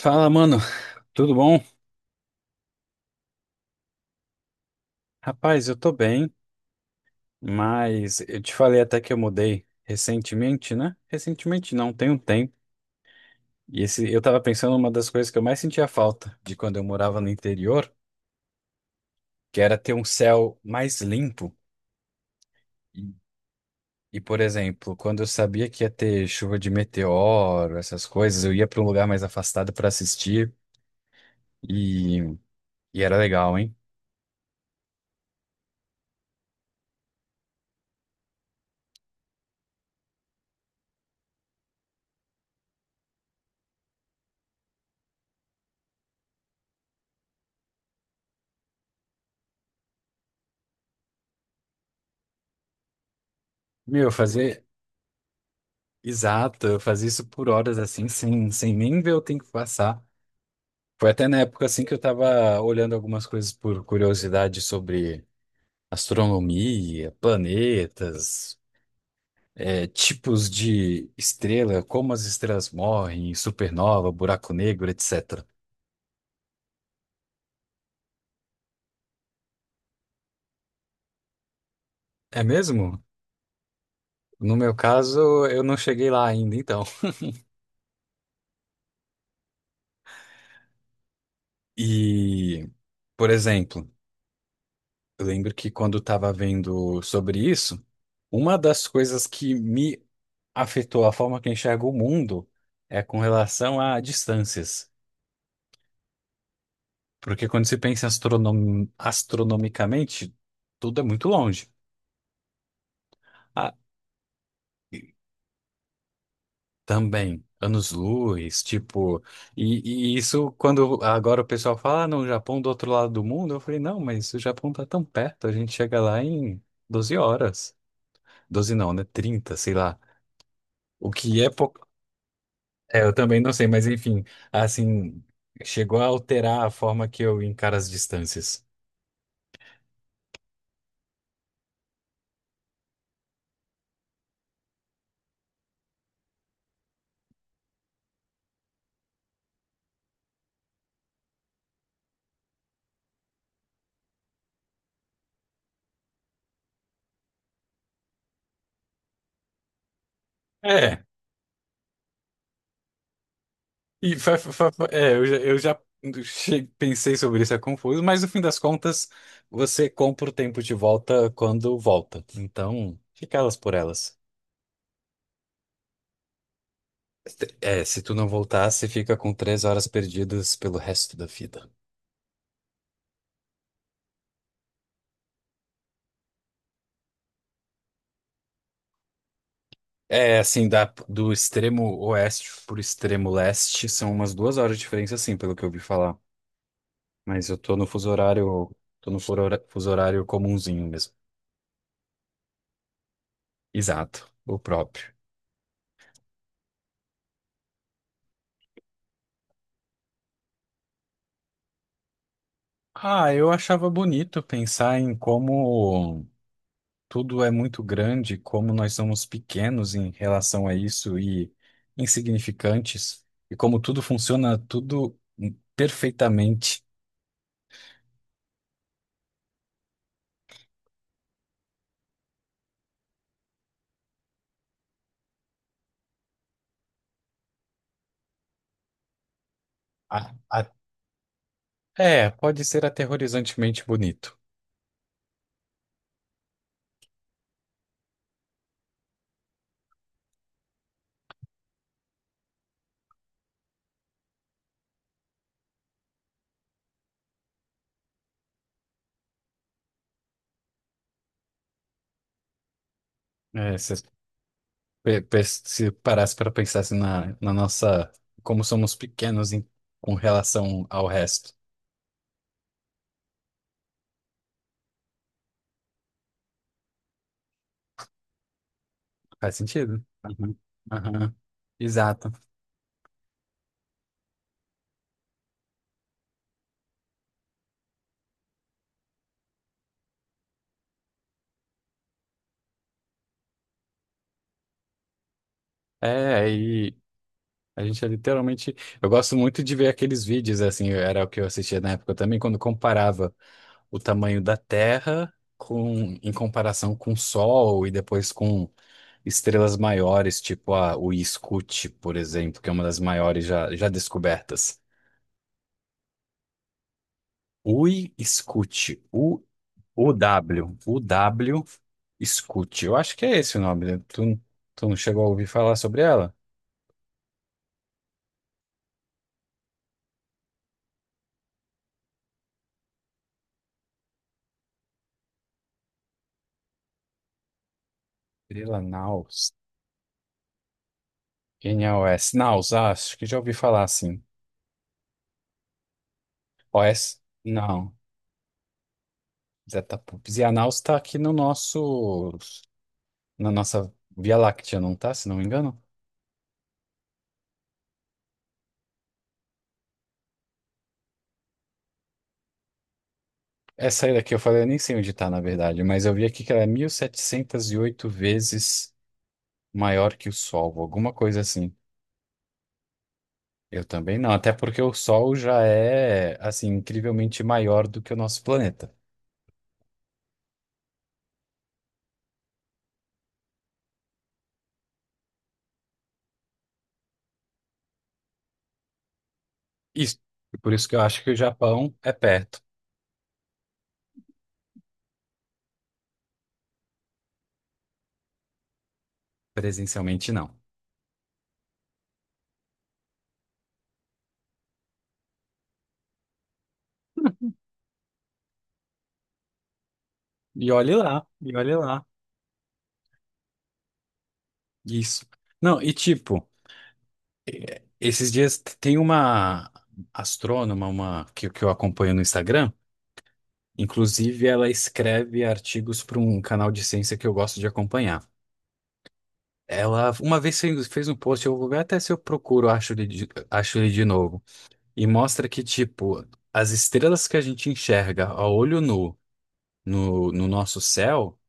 Fala, mano, tudo bom? Rapaz, eu tô bem, mas eu te falei até que eu mudei recentemente, né? Recentemente não, tem um tempo. E esse, eu tava pensando uma das coisas que eu mais sentia falta de quando eu morava no interior, que era ter um céu mais limpo. E, por exemplo, quando eu sabia que ia ter chuva de meteoro, essas coisas, eu ia pra um lugar mais afastado pra assistir. E era legal, hein? Meu, fazer. Exato, eu fazia isso por horas assim, sem nem ver o tempo passar. Foi até na época assim que eu tava olhando algumas coisas por curiosidade sobre astronomia, planetas, tipos de estrela, como as estrelas morrem, supernova, buraco negro, etc. É mesmo? No meu caso, eu não cheguei lá ainda, então. E, por exemplo, eu lembro que quando eu estava vendo sobre isso, uma das coisas que me afetou a forma que eu enxergo o mundo é com relação a distâncias. Porque quando se pensa astronomicamente, tudo é muito longe. Ah, também, anos-luz, tipo, e isso quando agora o pessoal fala, ah, não, o Japão do outro lado do mundo, eu falei, não, mas o Japão tá tão perto, a gente chega lá em 12 horas. Doze não, né? 30 sei lá. O que é pouco. É, eu também não sei, mas enfim, assim, chegou a alterar a forma que eu encaro as distâncias. É, eu já pensei sobre isso, é confuso, mas no fim das contas, você compra o tempo de volta quando volta. Então, fica elas por elas. É, se tu não voltar, você fica com 3 horas perdidas pelo resto da vida. É, assim, do extremo oeste pro extremo leste, são umas 2 horas de diferença, sim, pelo que eu ouvi falar. Mas eu tô no fuso horário, tô no fuso horário comumzinho mesmo. Exato, o próprio. Ah, eu achava bonito pensar em como tudo é muito grande, como nós somos pequenos em relação a isso e insignificantes, e como tudo funciona tudo perfeitamente. A- a- É, pode ser aterrorizantemente bonito. É, se, pe- pe- Se parasse para pensar assim na nossa, como somos pequenos em, com relação ao resto. Faz sentido. Aham, aham. Exato. É, e a gente é literalmente. Eu gosto muito de ver aqueles vídeos, assim, era o que eu assistia na época também, quando comparava o tamanho da Terra com, em comparação com o Sol e depois com estrelas maiores, tipo a Uiscute, por exemplo, que é uma das maiores já descobertas. Uiscute, U, UW, UW Scoot. Eu acho que é esse o nome, né? Tu não chegou a ouvir falar sobre ela? Estrela Naus. Quem é OS? Naus, ah, acho que já ouvi falar assim. OS? Não. Zetapups. E a Naus tá aqui no nosso. Na nossa Via Láctea, não tá? Se não me engano. Essa aí daqui eu falei, eu nem sei onde tá, na verdade, mas eu vi aqui que ela é 1708 vezes maior que o Sol, alguma coisa assim. Eu também não, até porque o Sol já é, assim, incrivelmente maior do que o nosso planeta. Isso. E por isso que eu acho que o Japão é perto, presencialmente não. E olhe lá, e olhe lá. Isso. Não, e tipo, esses dias tem uma astrônoma, que eu acompanho no Instagram, inclusive ela escreve artigos para um canal de ciência que eu gosto de acompanhar. Ela uma vez fez um post, eu vou ver até se eu procuro, acho ele de novo, e mostra que, tipo, as estrelas que a gente enxerga a olho nu no nosso céu,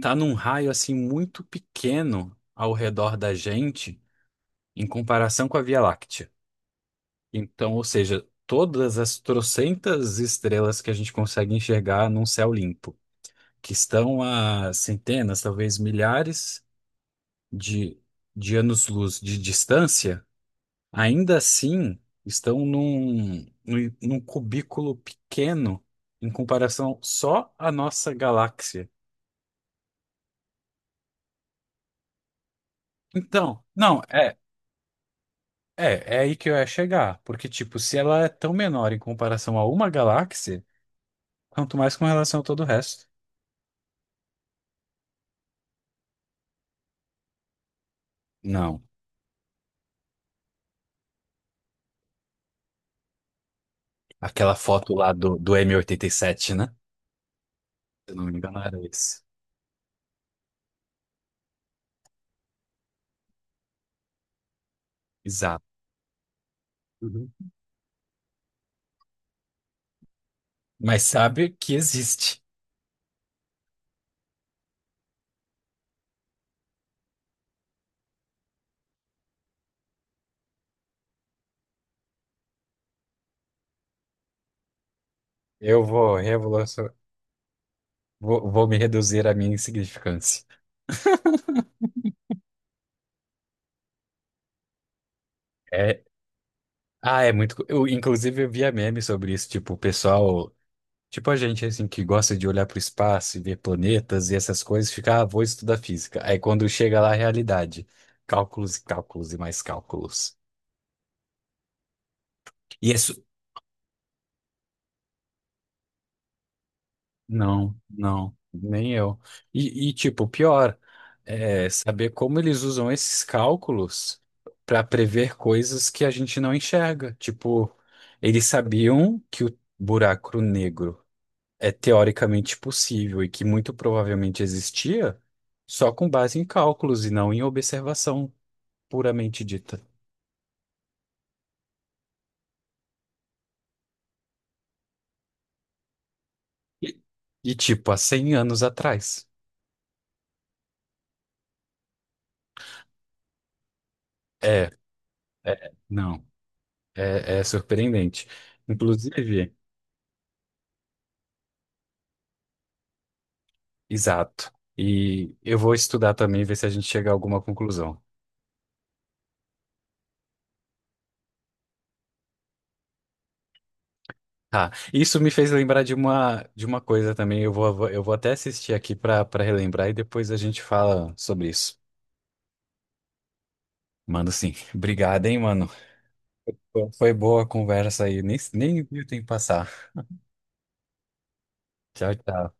tá num raio assim muito pequeno ao redor da gente. Em comparação com a Via Láctea. Então, ou seja, todas as trocentas estrelas que a gente consegue enxergar num céu limpo, que estão a centenas, talvez milhares de, de anos-luz de distância, ainda assim estão num cubículo pequeno em comparação só à nossa galáxia. Então, não, é. É, é aí que eu ia chegar, porque, tipo, se ela é tão menor em comparação a uma galáxia, quanto mais com relação a todo o resto. Não. Aquela foto lá do M87, né? Se eu não me engano, era esse. Exato. Uhum. Mas sabe que existe. Eu vou revolucionar. Vou me reduzir à minha insignificância. É, ah, é muito. Eu, inclusive, eu via memes sobre isso. Tipo, o pessoal. Tipo, a gente, assim, que gosta de olhar para o espaço e ver planetas e essas coisas, fica, ah, vou estudar física. Aí quando chega lá, a realidade. Cálculos e cálculos e mais cálculos. E isso. Não, não, nem eu. E, tipo, pior, é saber como eles usam esses cálculos para prever coisas que a gente não enxerga. Tipo, eles sabiam que o buraco negro é teoricamente possível e que muito provavelmente existia só com base em cálculos e não em observação puramente dita. E, e, tipo, há 100 anos atrás. É, não, é surpreendente. Inclusive. Exato. E eu vou estudar também, ver se a gente chega a alguma conclusão. Tá. Isso me fez lembrar de de uma coisa também. Eu vou até assistir aqui para relembrar e depois a gente fala sobre isso. Mano, sim. Obrigado, hein, mano. Foi boa a conversa aí. Nem vi o tempo passar. Tchau, tchau.